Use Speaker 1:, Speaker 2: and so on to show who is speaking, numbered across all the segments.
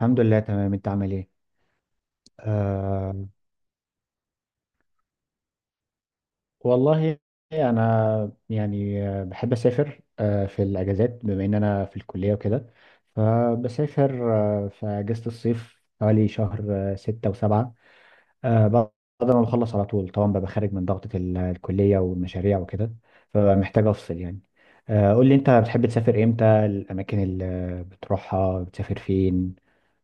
Speaker 1: الحمد لله، تمام. انت عامل ايه؟ آه، والله، انا يعني، بحب اسافر في الاجازات، بما ان انا في الكليه وكده، فبسافر في اجازه الصيف حوالي شهر 6 و7، بعد ما بخلص على طول، طبعا ببقى خارج من ضغطة الكليه والمشاريع وكده، فمحتاج افصل يعني. قول لي، انت بتحب تسافر امتى؟ الاماكن اللي بتروحها، بتسافر فين؟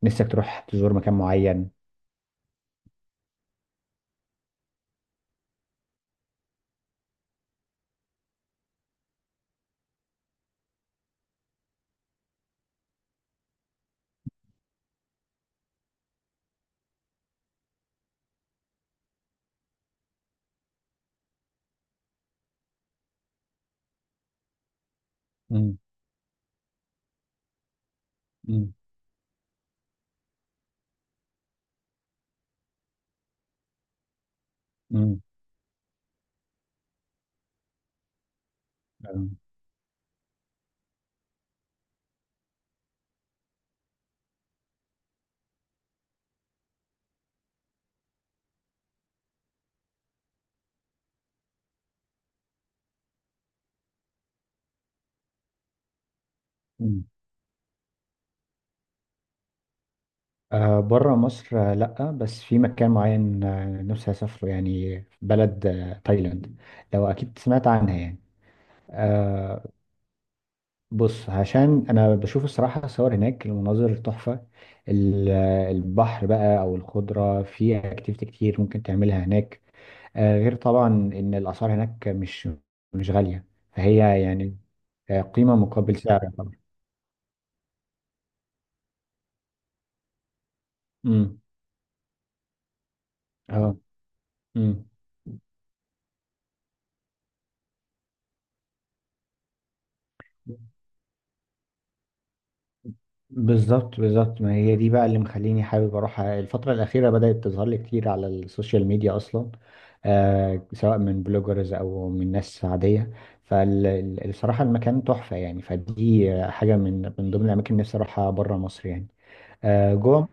Speaker 1: نفسك تروح تزور مكان معين؟ مم. مم. مم. مم. آه، بره مصر، لأ، بس في مكان معين، نفسي أسافره يعني، بلد تايلاند، لو أكيد سمعت عنها يعني. آه، بص، عشان أنا بشوف الصراحة صور هناك، المناظر تحفة. البحر بقى، أو الخضرة، في أكتيفيتي كتير ممكن تعملها هناك. غير طبعا إن الأسعار هناك مش غالية، فهي يعني قيمة مقابل سعر طبعا. مم. اه. مم. بالظبط بالظبط، ما هي دي بقى اللي مخليني حابب اروح، الفترة الأخيرة بدأت تظهر لي كتير على السوشيال ميديا أصلا، آه، سواء من بلوجرز أو من ناس عادية. فالصراحة المكان تحفة يعني، فدي حاجة من ضمن الأماكن اللي نفسي أروحها بره مصر يعني. آه، جوه.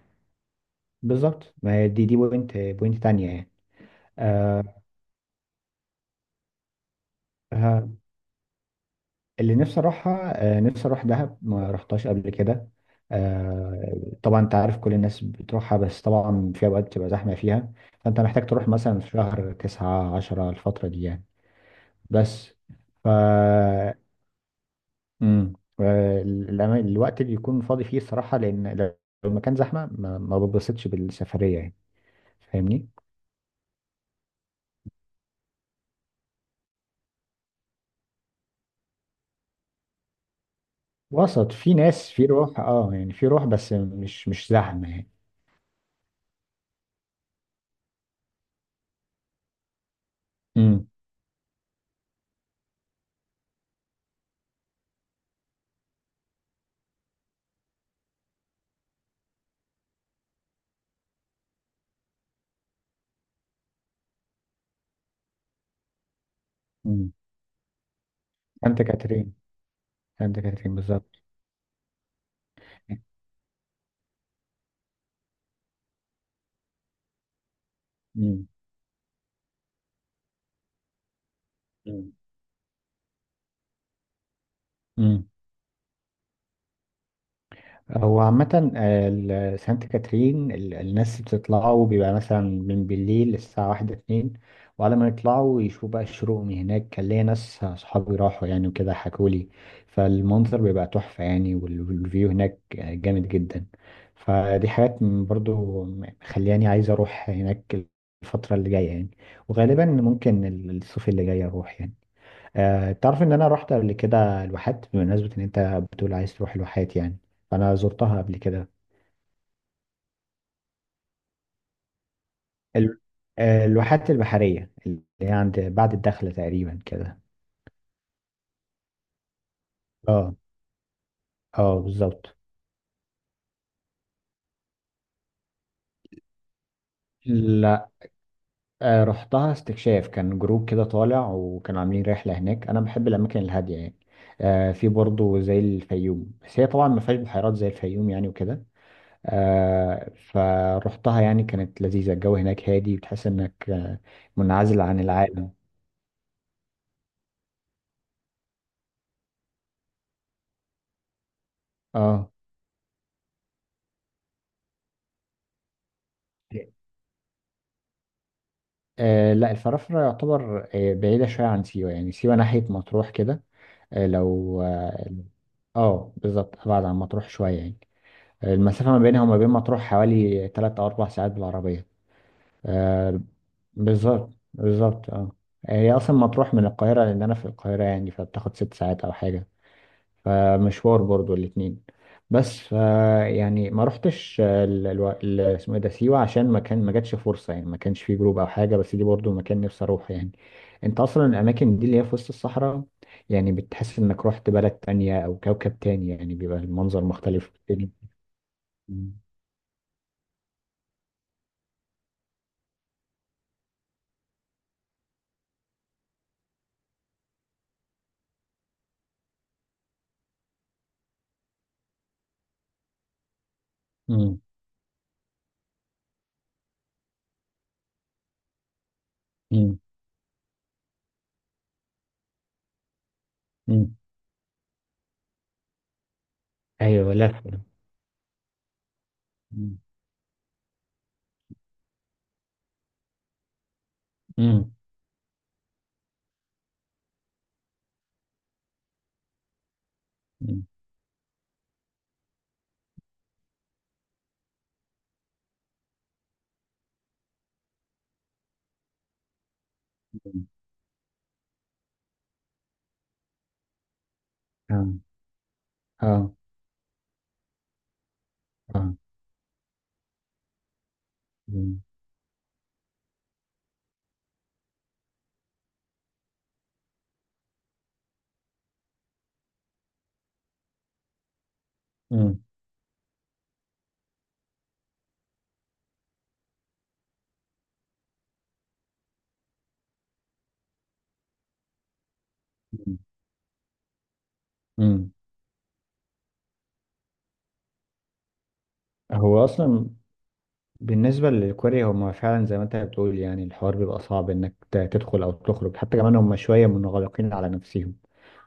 Speaker 1: بالظبط، ما هي دي بوينت تانية يعني. آه، اللي نفسي اروحها، نفسي اروح دهب، ما رحتهاش قبل كده. آه، طبعا انت عارف كل الناس بتروحها، بس طبعا في اوقات بتبقى زحمه فيها، فانت محتاج تروح مثلا في شهر تسعة، عشرة، الفتره دي يعني. بس ف، مم. الوقت اللي يكون فاضي فيه الصراحه، لان لو المكان زحمه ما بتبسطش بالسفريه يعني. فاهمني؟ وسط، في ناس، في روح اه يعني، في روح، بس مش زحمه يعني. امم. امم. سانت كاترين. سانت كاترين بالظبط. مم. مم. هو عامة، سانت كاترين، الناس بتطلعوا بيبقى مثلا من بالليل الساعة واحدة، اتنين، وعلى ما يطلعوا يشوفوا بقى الشروق من هناك. كان ليا ناس صحابي راحوا يعني وكده حكولي، فالمنظر بيبقى تحفة يعني، والفيو هناك جامد جدا. فدي حاجات برضو مخلياني عايز اروح هناك الفترة اللي جاية يعني. وغالبا ممكن الصيف اللي جاي اروح يعني. آه، تعرف ان انا رحت قبل كده الواحات، بمناسبة ان انت بتقول عايز تروح الواحات يعني، فانا زرتها قبل كده. ال- الواحات البحرية اللي هي عند بعد الدخلة تقريبا كده. اه. اه بالظبط. لا، رحتها استكشاف، كان جروب كده طالع وكانوا عاملين رحلة هناك. انا بحب الاماكن الهادية يعني. في برضه زي الفيوم، بس هي طبعا ما فيهاش بحيرات زي الفيوم يعني وكده. فرحتها يعني كانت لذيذة، الجو هناك هادي، وتحس انك منعزل عن العالم. اه. لا، الفرافرة يعتبر بعيدة شوية عن سيوة، يعني سيوة ناحية مطروح كده. آه، لو اه آه، بالظبط، أبعد عن مطروح شوية يعني. المسافة ما بينها وما بين مطروح حوالي 3 أو 4 ساعات بالعربية. آه، بالظبط بالظبط اه. هي أصلا مطروح من القاهرة، لأن أنا في القاهرة يعني، فبتاخد 6 ساعات أو حاجة، فمشوار برضو الاتنين. بس ف، يعني ما رحتش اسمه ايه ده، سيوة، عشان ما كان ما جاتش فرصة يعني، ما كانش فيه جروب او حاجة، بس دي برضو مكان نفسي اروح يعني. انت اصلا الاماكن دي اللي هي في وسط الصحراء، يعني بتحس انك رحت بلد تانية او كوكب تاني يعني، بيبقى المنظر مختلف تاني. مم. مم. مم. مم. ايوه، لا فعلا. مم. مم. مم. مم. اه. اه. اه. مم. مم. مم. مم. هو اصلا بالنسبة للكوري، هما فعلا زي ما انت بتقول يعني، الحوار بيبقى صعب انك تدخل او تخرج، حتى كمان هما شوية منغلقين على نفسهم،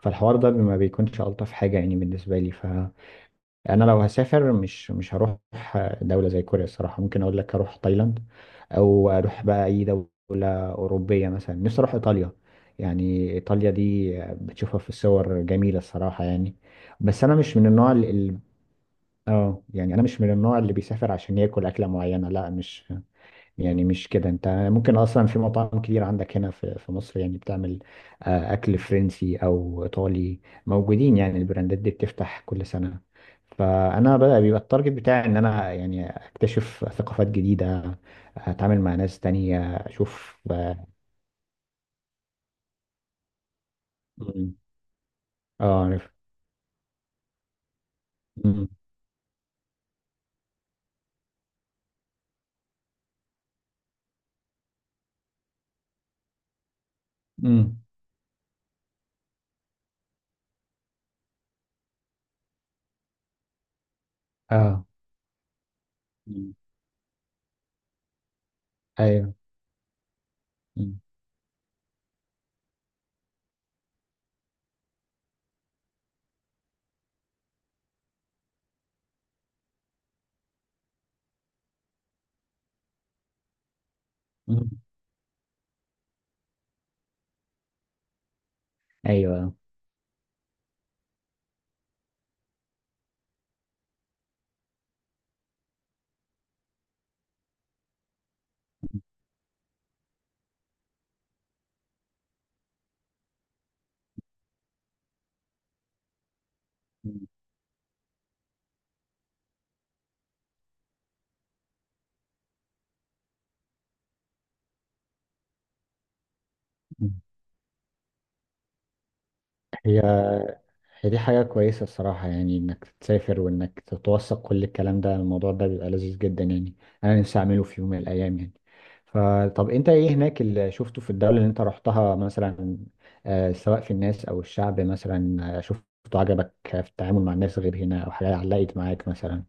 Speaker 1: فالحوار ده ما بيكونش ألطف حاجة يعني بالنسبة لي. فأنا لو هسافر، مش هروح دولة زي كوريا الصراحة. ممكن أقول لك أروح تايلاند، أو أروح بقى أي دولة أوروبية، مثلا نفسي أروح إيطاليا. يعني إيطاليا دي بتشوفها في الصور جميلة الصراحة يعني. بس أنا مش من النوع اللي اه، يعني انا مش من النوع اللي بيسافر عشان ياكل اكله معينه، لا، مش يعني، مش كده. انت ممكن اصلا في مطاعم كتير عندك هنا في مصر يعني بتعمل اكل فرنسي او ايطالي، موجودين يعني، البراندات دي بتفتح كل سنة. فانا بقى بيبقى التارجت بتاعي ان انا يعني اكتشف ثقافات جديدة، اتعامل مع ناس تانية، اشوف اه. مم. آه، عارف. مم. مم. اه. مم. ايوه. مم. مم. ايوه. مم. هي هي دي حاجة كويسة الصراحة يعني، إنك تسافر وإنك تتوثق كل الكلام ده، الموضوع ده بيبقى لذيذ جدا يعني. أنا نفسي أعمله في يوم من الأيام يعني. فطب أنت إيه هناك اللي شفته في الدولة اللي أنت رحتها مثلا، سواء في الناس أو الشعب مثلا، شفته عجبك في التعامل مع الناس غير هنا، أو حاجة علقت معاك مثلا؟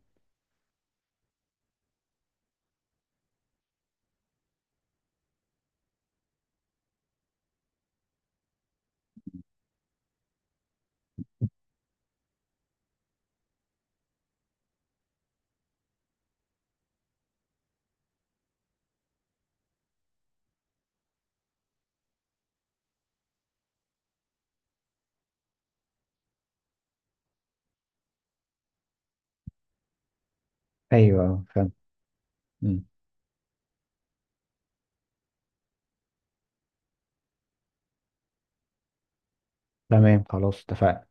Speaker 1: أيوه فاهم. مم. تمام، خلاص اتفقنا.